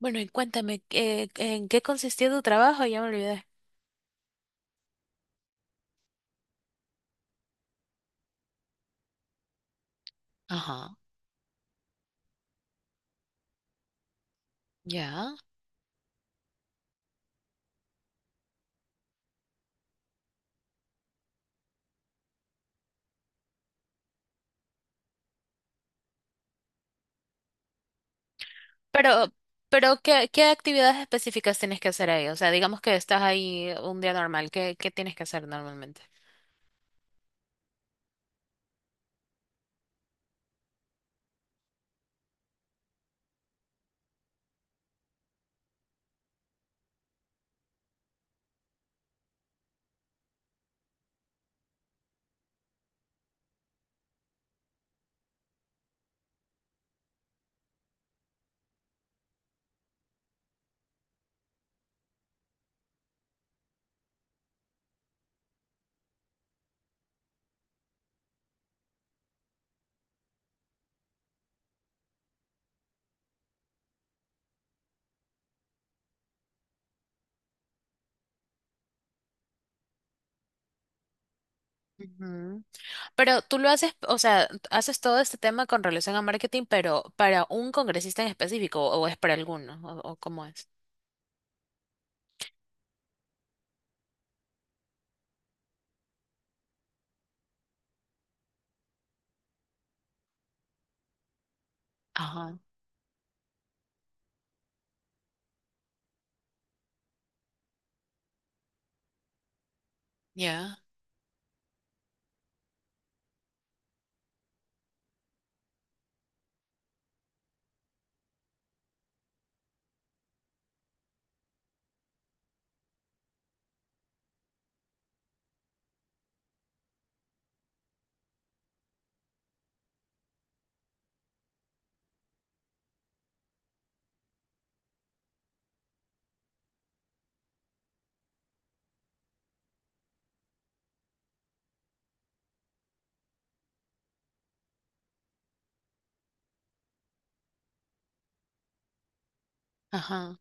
Bueno, y cuéntame, en qué consistía tu trabajo? Ya me olvidé. Ajá, ya. Pero, pero ¿qué actividades específicas tienes que hacer ahí? O sea, digamos que estás ahí un día normal, ¿qué tienes que hacer normalmente? Ujú. Pero tú lo haces, o sea, haces todo este tema con relación a marketing, pero para un congresista en específico, o es para alguno, o cómo es. Ajá, ya. Ajá.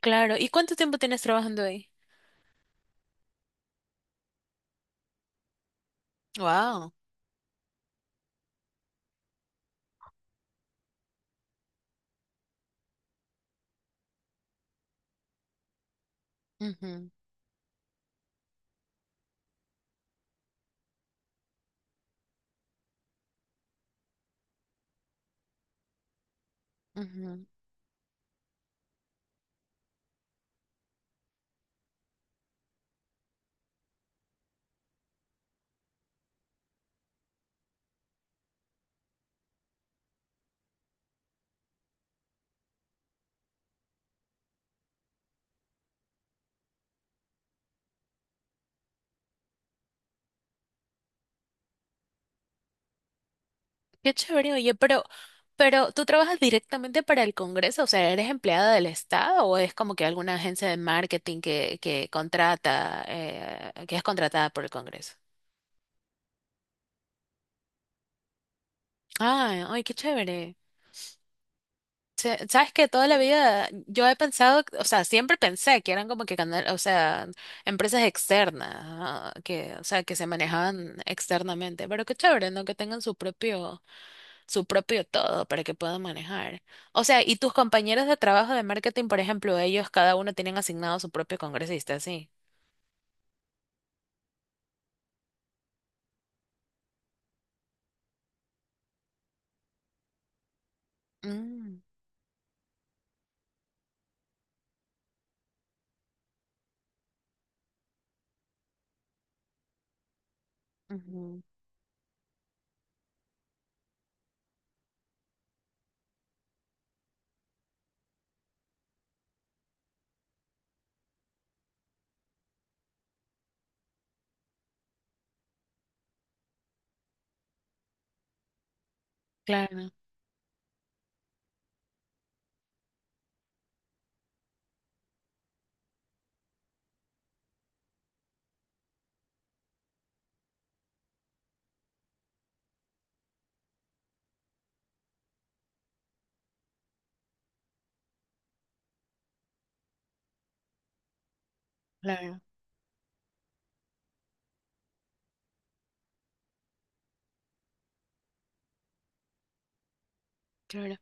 Claro, ¿y cuánto tiempo tienes trabajando ahí? Wow. Qué chévere, oye, pero ¿tú trabajas directamente para el Congreso? O sea, ¿eres empleada del Estado o es como que alguna agencia de marketing que contrata, que es contratada por el Congreso? Ay, ay, qué chévere. Sabes que toda la vida yo he pensado, o sea, siempre pensé que eran como que canal, o sea, empresas externas, ah, que, o sea, que se manejaban externamente, pero qué chévere, ¿no? Que tengan su propio todo para que pueda manejar. O sea, y tus compañeros de trabajo de marketing, por ejemplo, ellos cada uno tienen asignado su propio congresista, sí. Mm, ujú. Claro, claro, claro.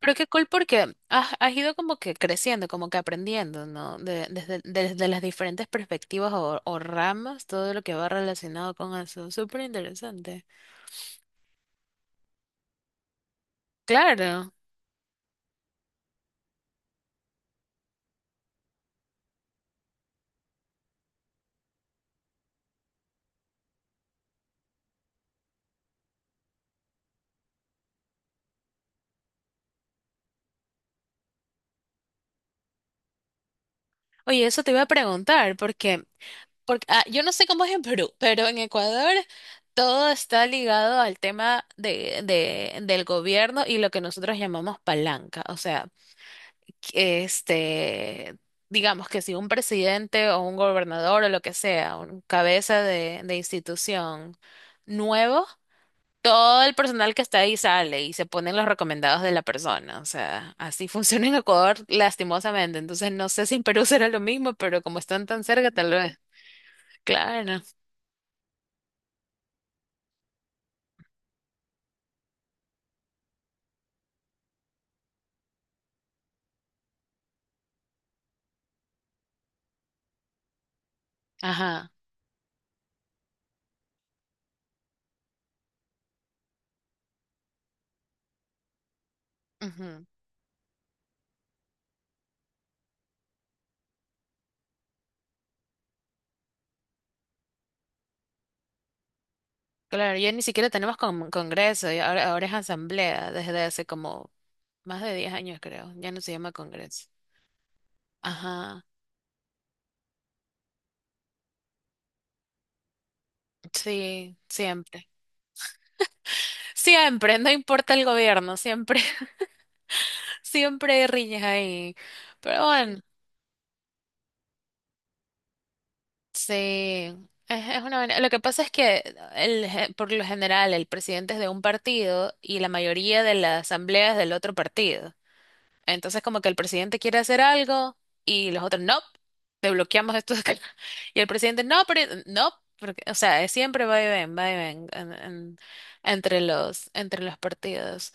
Pero qué cool porque has ido como que creciendo, como que aprendiendo, ¿no? Desde, desde las diferentes perspectivas o ramas, todo lo que va relacionado con eso. Súper interesante. Claro. Oye, eso te iba a preguntar, porque porque, ah, yo no sé cómo es en Perú, pero en Ecuador todo está ligado al tema de, del gobierno y lo que nosotros llamamos palanca. O sea, que, este, digamos que si un presidente o un gobernador o lo que sea, un cabeza de institución nuevo, todo el personal que está ahí sale y se ponen los recomendados de la persona. O sea, así funciona en Ecuador lastimosamente. Entonces no sé si en Perú será lo mismo, pero como están tan cerca, tal vez. Claro. Ajá. Ujú. Claro, ya ni siquiera tenemos congreso, ya ahora, ahora es asamblea desde hace como más de 10 años, creo. Ya no se llama congreso. Ajá. Sí, siempre. Siempre, no importa el gobierno, siempre, siempre hay riñas ahí. Pero bueno, sí. Es una, vaina. Lo que pasa es que el, por lo general el presidente es de un partido y la mayoría de las asambleas del otro partido. Entonces, como que el presidente quiere hacer algo y los otros, no, te bloqueamos esto de acá". Y el presidente, no, pero no, porque, o sea, es siempre va y ven entre los partidos.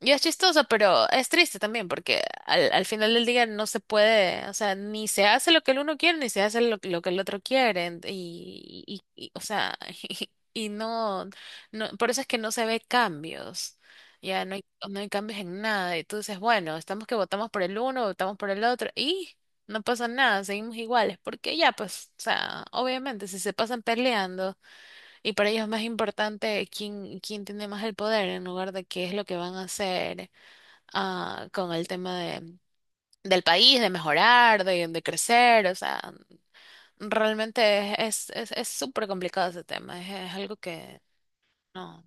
Y es chistoso, pero es triste también, porque al, al final del día no se puede, o sea, ni se hace lo que el uno quiere, ni se hace lo que el otro quiere, o sea, y, no, no, por eso es que no se ve cambios, ya no hay, no hay cambios en nada, y tú dices, bueno, estamos que votamos por el uno, votamos por el otro, y no pasa nada, seguimos iguales, porque ya, pues, o sea, obviamente, si se pasan peleando, y para ellos es más importante quién, quién tiene más el poder en lugar de qué es lo que van a hacer ah, con el tema de, del país, de mejorar, de crecer. O sea, realmente es súper complicado ese tema. Es algo que no.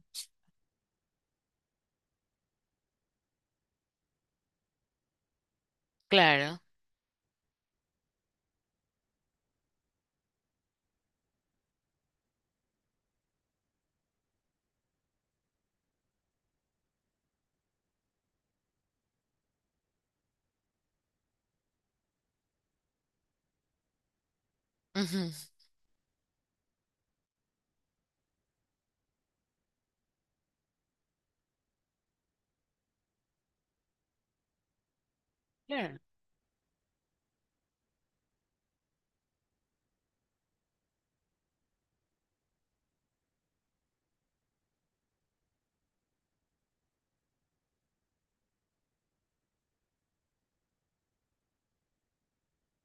Claro. Ujú, claro.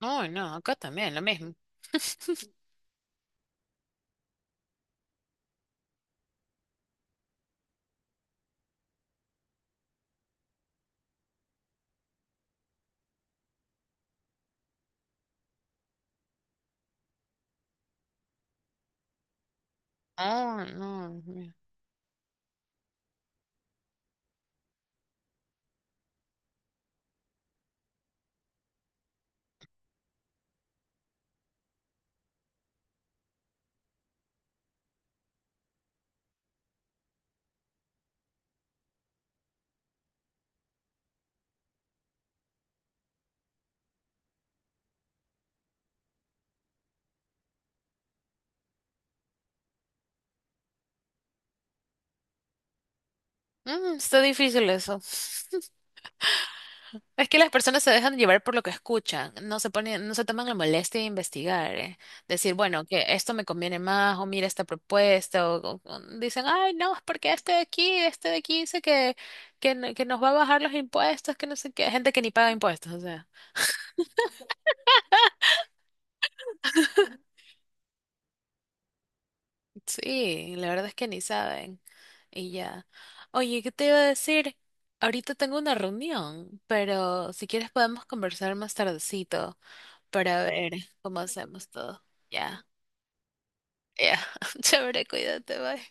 No, no, acá también, lo mismo. Oh, no. Dios mío. Mm, está difícil eso. Es que las personas se dejan llevar por lo que escuchan, no se ponen, no se toman la molestia de investigar, eh. Decir, bueno, que esto me conviene más, o mira esta propuesta, o dicen, ay, no, es porque este de aquí dice que, que nos va a bajar los impuestos, que no sé qué, gente que ni paga impuestos, o sea, sí, la verdad es que ni saben, y ya. Oye, ¿qué te iba a decir? Ahorita tengo una reunión, pero si quieres podemos conversar más tardecito para ver cómo hacemos todo. Ya. Ya, chévere, cuídate, bye.